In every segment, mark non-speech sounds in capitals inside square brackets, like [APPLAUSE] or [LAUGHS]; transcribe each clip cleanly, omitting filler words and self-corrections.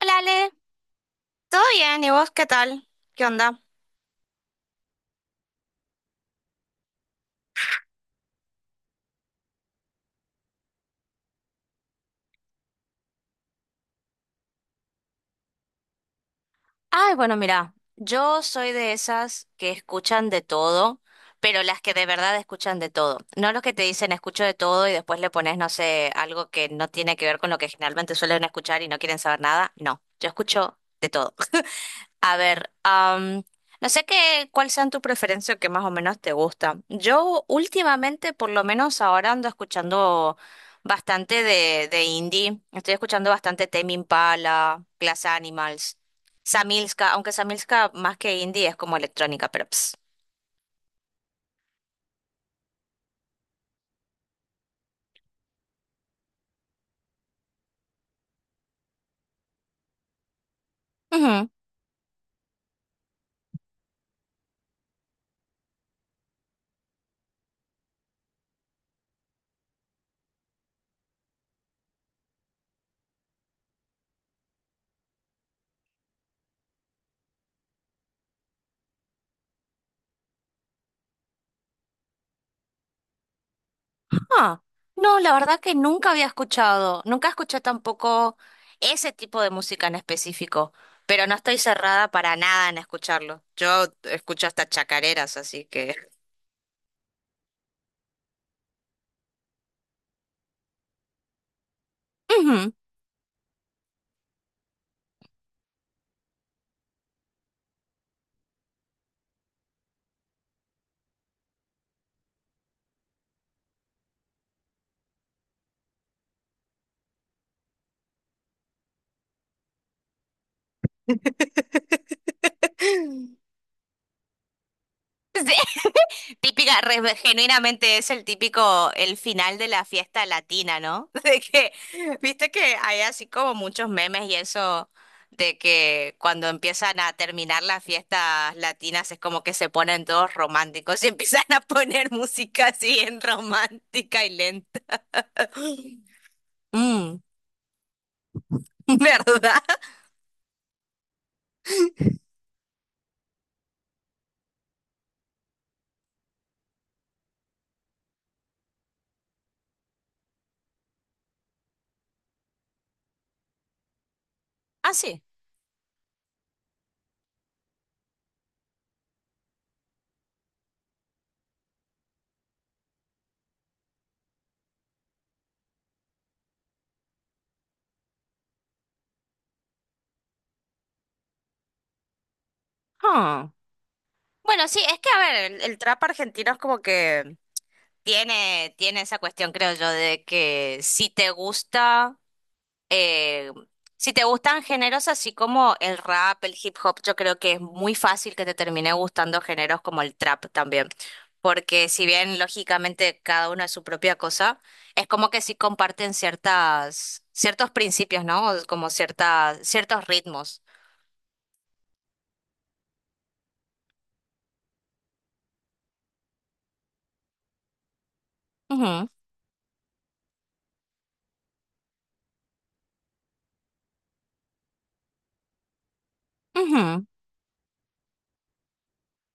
Hola Ale, ¿todo bien? ¿Y vos qué tal? ¿Qué onda? Ay, bueno, mira, yo soy de esas que escuchan de todo, pero las que de verdad escuchan de todo. No los que te dicen escucho de todo y después le pones, no sé, algo que no tiene que ver con lo que generalmente suelen escuchar y no quieren saber nada. No, yo escucho de todo. A ver, no sé qué, cuál sean tu preferencia o qué más o menos te gusta. Yo últimamente, por lo menos ahora ando escuchando bastante de indie. Estoy escuchando bastante Tame Impala, Glass Animals, Samilska, aunque Samilska más que indie es como electrónica, pero ps. Ah, no, la verdad que nunca había escuchado, nunca escuché tampoco ese tipo de música en específico, pero no estoy cerrada para nada en escucharlo. Yo escucho hasta chacareras, así que... Ujú. [LAUGHS] Sí. Típica, genuinamente es el típico, el final de la fiesta latina, ¿no? [LAUGHS] De que, viste que hay así como muchos memes y eso de que cuando empiezan a terminar las fiestas latinas es como que se ponen todos románticos y [LAUGHS] empiezan a poner música así bien romántica y lenta. Mm, [LAUGHS] ¿verdad? Ah, sí. Huh. Bueno, sí, es que a ver, el trap argentino es como que tiene esa cuestión, creo yo, de que si te gusta. eh, si te gustan géneros así como el rap, el hip hop, yo creo que es muy fácil que te termine gustando géneros como el trap también. Porque si bien lógicamente cada uno es su propia cosa, es como que sí comparten ciertas, ciertos principios, ¿no? Como ciertas, ciertos ritmos. Ujú, ujú.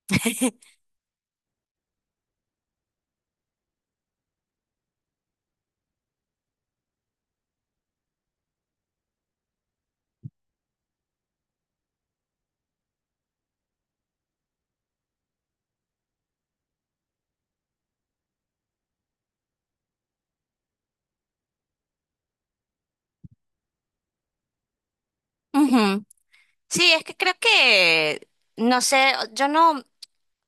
[LAUGHS] Ujú. Sí, es que creo que, no sé,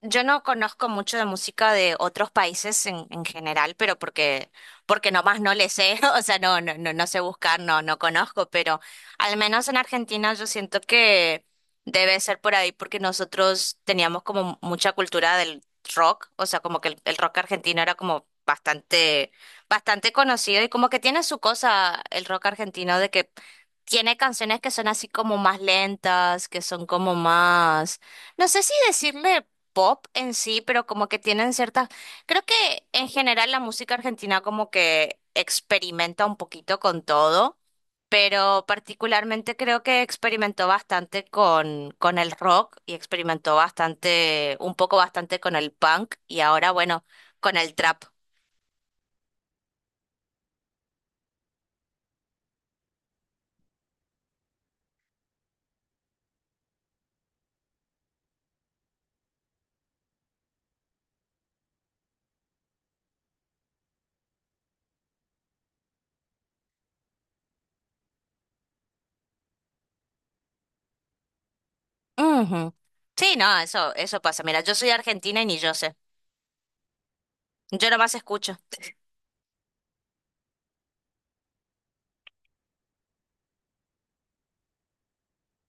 yo no conozco mucho de música de otros países en general, pero porque, porque nomás no le sé, [LAUGHS] o sea, no sé buscar, no, no conozco, pero al menos en Argentina yo siento que debe ser por ahí porque nosotros teníamos como mucha cultura del rock, o sea, como que el rock argentino era como bastante, bastante conocido y como que tiene su cosa el rock argentino de que tiene canciones que son así como más lentas, que son como más... No sé si decirle pop en sí, pero como que tienen ciertas... Creo que en general la música argentina como que experimenta un poquito con todo, pero particularmente creo que experimentó bastante con el rock y experimentó bastante, un poco bastante con el punk y ahora bueno, con el trap. Ujú. Sí, no, eso pasa. Mira, yo soy argentina y ni yo sé. Yo nomás escucho.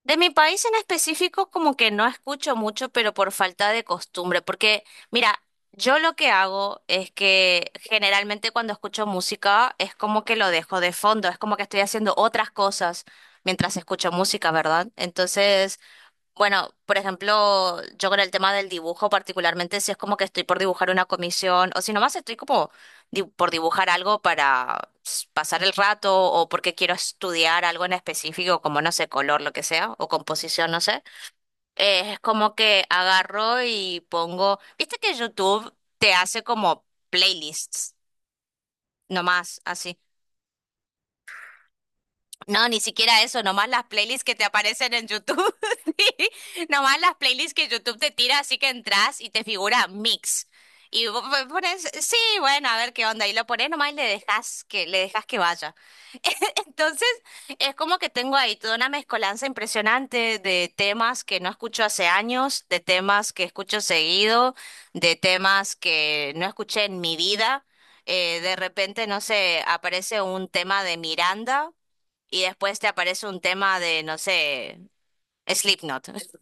De mi país en específico, como que no escucho mucho, pero por falta de costumbre, porque mira, yo lo que hago es que generalmente cuando escucho música es como que lo dejo de fondo, es como que estoy haciendo otras cosas mientras escucho música, ¿verdad? Entonces, bueno, por ejemplo, yo con el tema del dibujo, particularmente si es como que estoy por dibujar una comisión o si nomás estoy como por dibujar algo para pasar el rato o porque quiero estudiar algo en específico, como no sé, color, lo que sea, o composición, no sé, es como que agarro y pongo, viste que YouTube te hace como playlists, nomás así. No, ni siquiera eso, nomás las playlists que te aparecen en YouTube, [LAUGHS] sí, nomás las playlists que YouTube te tira, así que entras y te figura mix. Y vos pones, sí, bueno, a ver qué onda, y lo pones nomás y le dejas que vaya. [LAUGHS] Entonces, es como que tengo ahí toda una mezcolanza impresionante de temas que no escucho hace años, de temas que escucho seguido, de temas que no escuché en mi vida. De repente, no sé, aparece un tema de Miranda y después te aparece un tema de, no sé, Slipknot. [LAUGHS]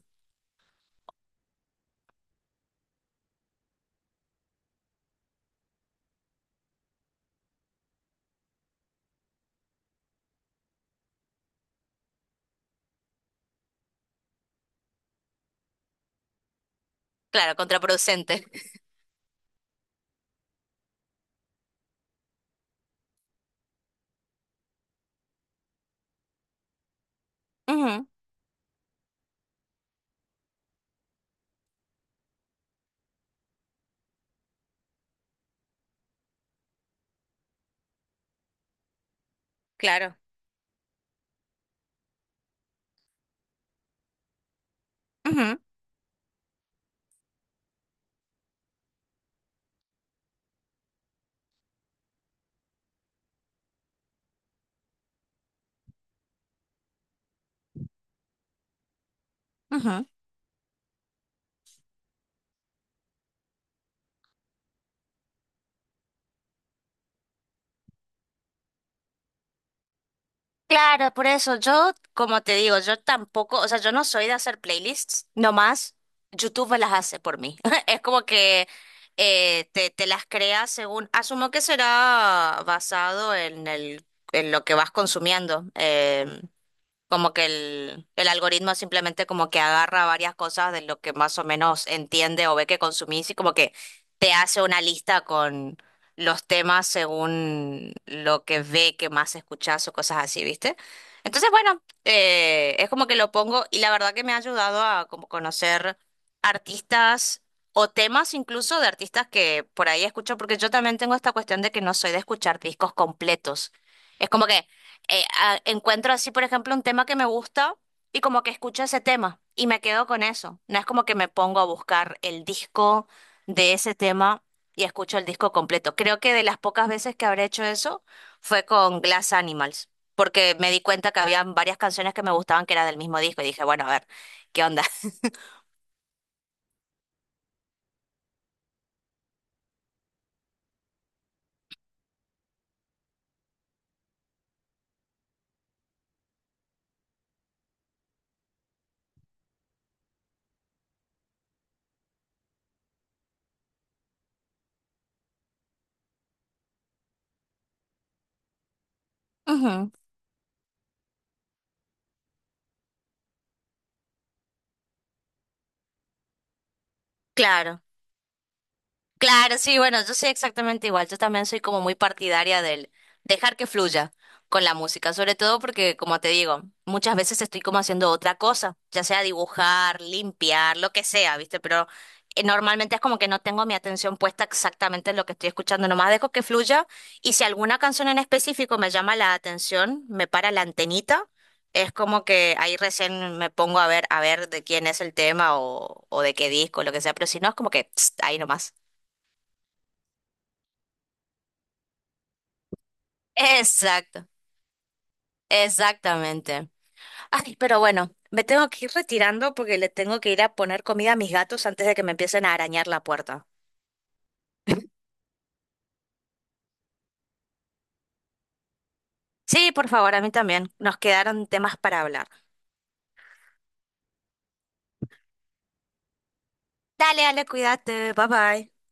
Claro, contraproducente. Ujú, claro. Ujú, ujú. Claro, por eso yo, como te digo, yo tampoco, o sea, yo no soy de hacer playlists, nomás YouTube me las hace por mí. [LAUGHS] Es como que te las crea según, asumo que será basado en el, en lo que vas consumiendo. Como que el algoritmo simplemente como que agarra varias cosas de lo que más o menos entiende o ve que consumís y como que te hace una lista con los temas según lo que ve que más escuchás o cosas así, ¿viste? Entonces, bueno, es como que lo pongo y la verdad que me ha ayudado a como conocer artistas o temas incluso de artistas que por ahí escucho, porque yo también tengo esta cuestión de que no soy de escuchar discos completos. Es como que encuentro así, por ejemplo, un tema que me gusta y como que escucho ese tema y me quedo con eso. No es como que me pongo a buscar el disco de ese tema y escucho el disco completo. Creo que de las pocas veces que habré hecho eso fue con Glass Animals, porque me di cuenta que había varias canciones que me gustaban que era del mismo disco y dije, bueno, a ver, ¿qué onda? [LAUGHS] Ujú, claro. Claro, sí, bueno, yo soy exactamente igual. Yo también soy como muy partidaria del dejar que fluya con la música, sobre todo porque, como te digo, muchas veces estoy como haciendo otra cosa, ya sea dibujar, limpiar, lo que sea, ¿viste? Pero normalmente es como que no tengo mi atención puesta exactamente en lo que estoy escuchando, nomás dejo que fluya y si alguna canción en específico me llama la atención, me para la antenita. Es como que ahí recién me pongo a ver de quién es el tema o de qué disco, lo que sea, pero si no, es como que pst, ahí nomás. Exacto, exactamente. Ay, pero bueno, me tengo que ir retirando porque le tengo que ir a poner comida a mis gatos antes de que me empiecen a arañar la puerta. Sí, por favor, a mí también. Nos quedaron temas para hablar. Dale, dale, cuídate. Bye bye.